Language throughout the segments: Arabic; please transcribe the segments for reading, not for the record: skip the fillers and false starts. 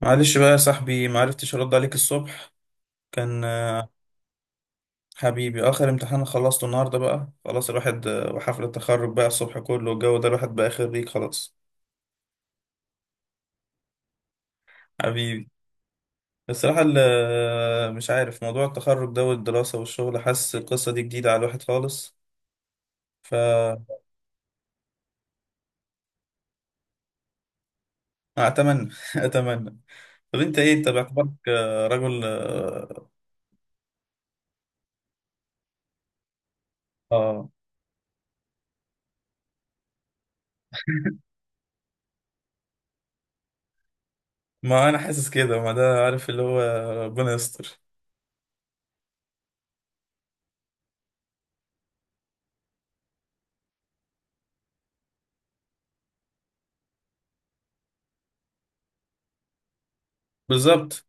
معلش بقى يا صاحبي، معرفتش ارد عليك الصبح. كان حبيبي. اخر امتحان خلصته النهارده بقى، خلاص الواحد وحفله التخرج بقى الصبح كله والجو ده، الواحد بقى خريج خلاص حبيبي. الصراحه مش عارف موضوع التخرج ده والدراسه والشغل، حاسس القصه دي جديده على الواحد خالص. ف اتمنى اتمنى. طب انت ايه؟ انت باعتبارك رجل اه. آه، ما انا حاسس كده، ما ده عارف اللي هو ربنا يستر. بالظبط.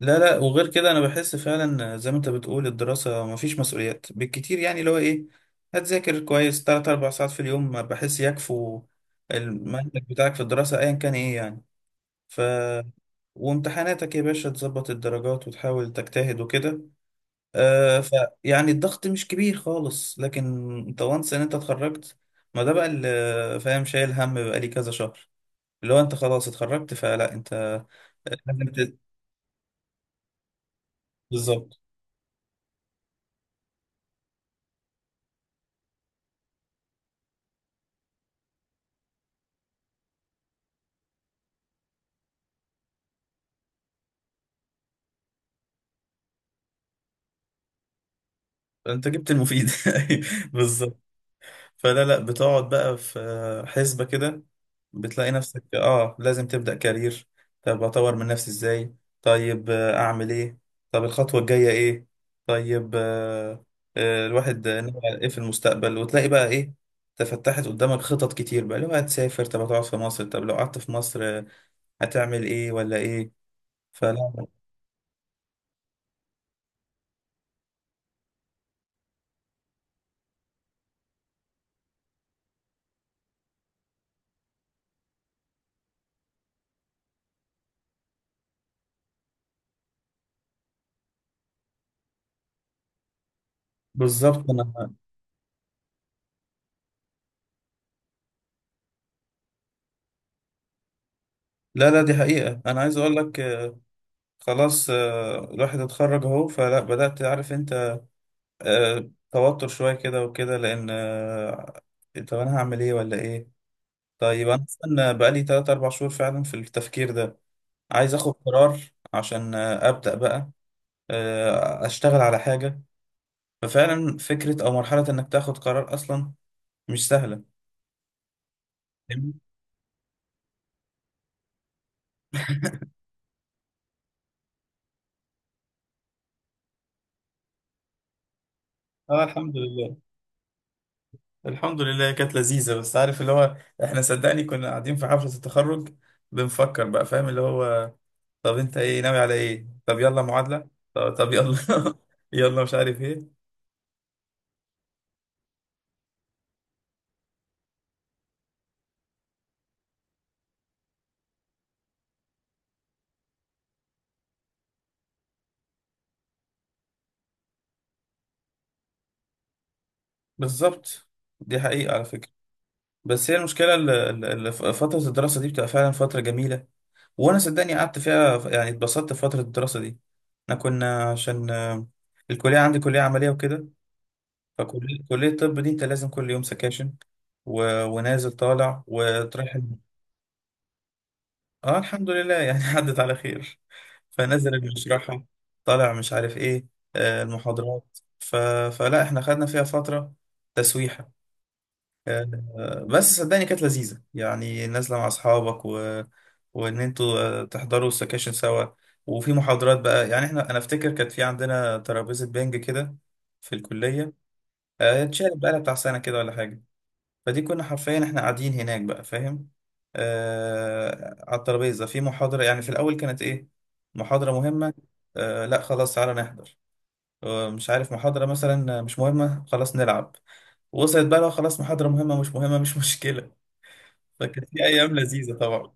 لا لا، وغير كده انا بحس فعلا زي ما انت بتقول، الدراسة مفيش مسؤوليات بالكتير، يعني اللي هو ايه، هتذاكر كويس تلات اربع ساعات في اليوم بحس يكفوا. المنهج بتاعك في الدراسة ايا كان ايه يعني. ف وامتحاناتك يا باشا تظبط الدرجات وتحاول تجتهد وكده. آه ف يعني الضغط مش كبير خالص، لكن انت وانس ان انت اتخرجت، ما ده بقى اللي فاهم، شايل هم بقالي كذا شهر، اللي هو انت خلاص اتخرجت فلا انت لازم ت- بالظبط. انت جبت المفيد. بالظبط. فلا لا، بتقعد بقى في حسبة كده، بتلاقي نفسك اه لازم تبدأ كارير. طب اطور من نفسي ازاي؟ طيب اعمل ايه؟ طب الخطوة الجاية ايه؟ طيب الواحد نوع ايه في المستقبل؟ وتلاقي بقى ايه؟ تفتحت قدامك خطط كتير بقى، لو هتسافر، طب هتقعد في مصر، طب لو قعدت في مصر هتعمل ايه ولا ايه؟ فلا بالظبط. لا لا، دي حقيقة انا عايز اقول لك، خلاص الواحد اتخرج اهو، فلا بدأت عارف انت توتر شوية كده وكده، لأن طب أنا هعمل إيه ولا إيه؟ طيب أنا أصلا بقالي تلات أربع شهور فعلا في التفكير ده، عايز آخد قرار عشان أبدأ بقى أشتغل على حاجة. ففعلا فكرة أو مرحلة إنك تاخد قرار أصلا مش سهلة. فاهمني؟ اه الحمد لله. الحمد لله كانت لذيذة، بس عارف اللي هو، احنا صدقني كنا قاعدين في حفلة التخرج بنفكر بقى، فاهم اللي هو، طب انت ايه ناوي على ايه؟ طب يلا معادلة. طب يلا. يلا مش عارف ايه. بالظبط، دي حقيقة على فكرة. بس هي المشكلة فترة الدراسة دي بتبقى فعلا فترة جميلة، وانا صدقني قعدت فيها يعني، اتبسطت في فترة الدراسة دي. احنا كنا عشان الكلية عندي كلية عملية وكده، كلية الطب دي انت لازم كل يوم سكاشن ونازل طالع وتروح. اه الحمد لله يعني عدت على خير. فنزل اللي بيشرحه طالع مش عارف ايه المحاضرات فلا احنا خدنا فيها فترة تسويحة. بس صدقني كانت لذيذة، يعني نازلة مع أصحابك وإن أنتوا تحضروا السكاشن سوا. وفي محاضرات بقى يعني، احنا أنا أفتكر كانت في عندنا ترابيزة بنج كده في الكلية، اتشالت بقى بتاع سنة كده ولا حاجة، فدي كنا حرفيا احنا قاعدين هناك بقى فاهم، آه على الترابيزة في محاضرة، يعني في الأول كانت إيه، محاضرة مهمة، آه لا خلاص تعالى نحضر، آه مش عارف محاضرة مثلا مش مهمة، خلاص نلعب. وصلت بقى، لو خلاص محاضرة مهمة مش مهمة مش مشكلة. فكانت في أيام لذيذة طبعا.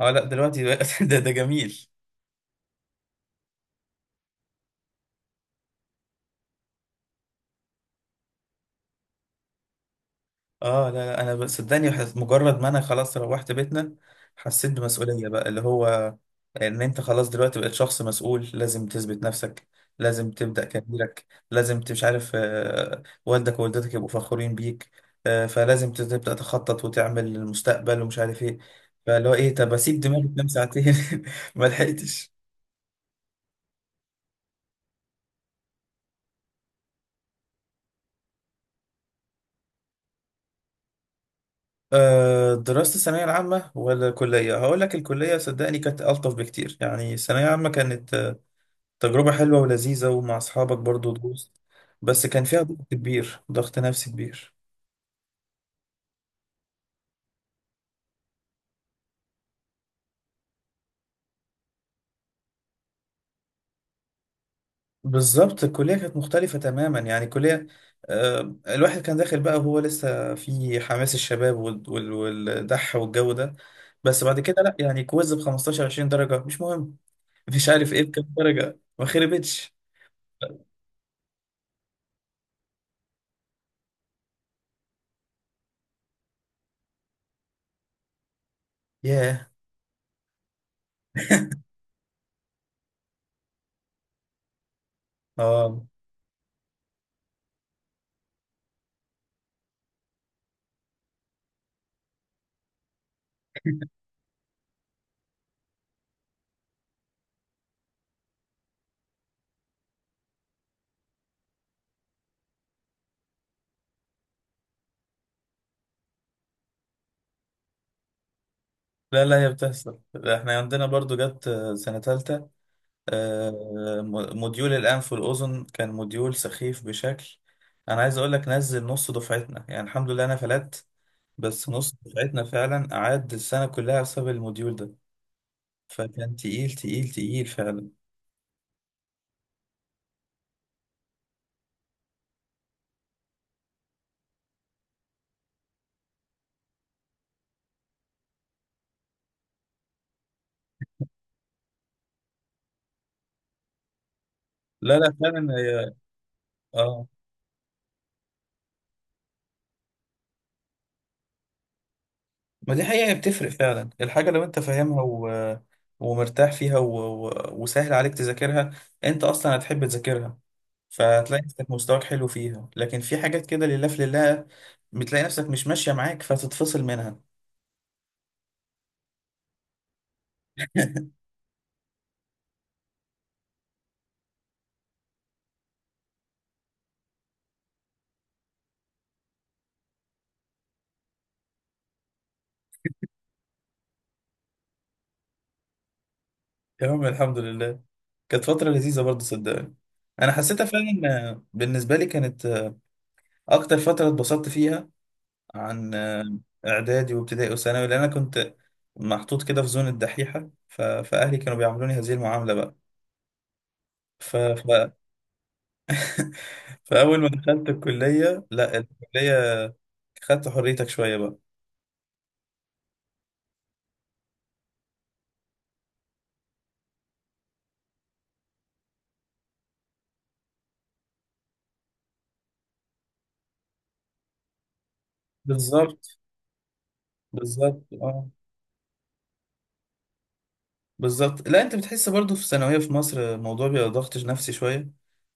اه لا دلوقتي بقى ده ده جميل. اه لا لا، انا صدقني مجرد ما انا خلاص روحت بيتنا، حسيت بمسؤولية بقى، اللي هو ان انت خلاص دلوقتي بقيت شخص مسؤول، لازم تثبت نفسك، لازم تبدأ كاريرك، لازم مش عارف والدك ووالدتك يبقوا فخورين بيك. فلازم تبدأ تخطط وتعمل المستقبل ومش عارف ايه. فاللي هو ايه، طب اسيب دماغي تنام ساعتين ما لحقتش. دراسة الثانوية العامة ولا كلية؟ هقول لك الكلية صدقني كانت ألطف بكتير، يعني الثانوية العامة كانت تجربة حلوة ولذيذة ومع أصحابك برضو تجوز، بس كان فيها ضغط كبير، ضغط نفسي كبير. بالظبط، الكلية كانت مختلفة تماما. يعني الكلية الواحد كان داخل بقى وهو لسه في حماس الشباب والدح والجو ده. بس بعد كده لا، يعني كويز ب 15 20 درجة مش مهم، مش عارف ايه بكام درجة ما خربتش. ياه. اه لا لا، هي بتحصل. احنا عندنا برضو جت سنة تالتة آه، موديول الأنف والأذن كان موديول سخيف بشكل. أنا عايز أقول لك، نزل نص دفعتنا. يعني الحمد لله أنا فلت، بس نص دفعتنا فعلا قعد السنة كلها بسبب الموديول ده. فكان تقيل تقيل تقيل فعلا. لا لا، فعلا هي اه. ما دي حقيقة، هي بتفرق فعلا. الحاجة لو أنت فاهمها ومرتاح فيها و... وسهل عليك تذاكرها، أنت أصلا هتحب تذاكرها، فتلاقي نفسك مستواك حلو فيها. لكن في حاجات كده لله في لله، بتلاقي نفسك مش ماشية معاك، فتتفصل منها. يا عم الحمد لله. كانت فترة لذيذة برضه صدقني، أنا حسيتها فعلا. بالنسبة لي كانت أكتر فترة اتبسطت فيها عن إعدادي وابتدائي وثانوي، لأن أنا كنت محطوط كده في زون الدحيحة فأهلي كانوا بيعاملوني هذه المعاملة بقى. ف... ف... فأول ما دخلت الكلية لا، الكلية خدت حريتك شوية بقى. بالظبط بالظبط اه بالظبط. لا انت بتحس برضو في الثانويه في مصر الموضوع بيبقى ضغط نفسي شويه،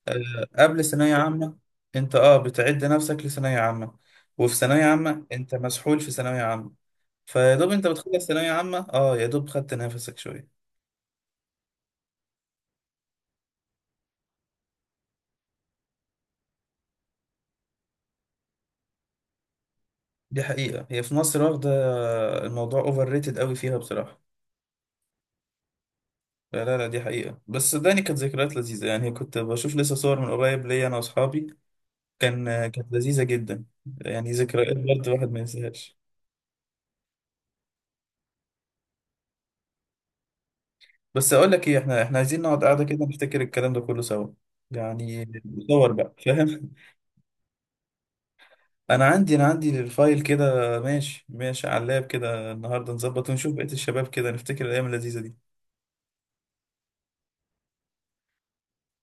أه قبل ثانويه عامه انت اه بتعد نفسك لثانويه عامه، وفي ثانويه عامه انت مسحول في ثانويه عامه، فيا دوب انت بتخلص ثانويه عامه، اه يا دوب خدت نفسك شويه. دي حقيقه، هي في مصر واخده الموضوع اوفر ريتد قوي فيها بصراحه. لا لا لا، دي حقيقه. بس صدقني كانت ذكريات لذيذه، يعني كنت بشوف لسه صور من قريب، ليا انا واصحابي، كانت لذيذه جدا. يعني ذكريات برضه الواحد ما ينساهاش. بس اقول لك ايه، احنا عايزين نقعد قاعده كده نفتكر الكلام ده كله سوا، يعني ندور بقى فاهم. انا عندي الفايل كده، ماشي ماشي على اللاب كده النهارده، نظبط ونشوف بقيه الشباب كده نفتكر الايام اللذيذه دي.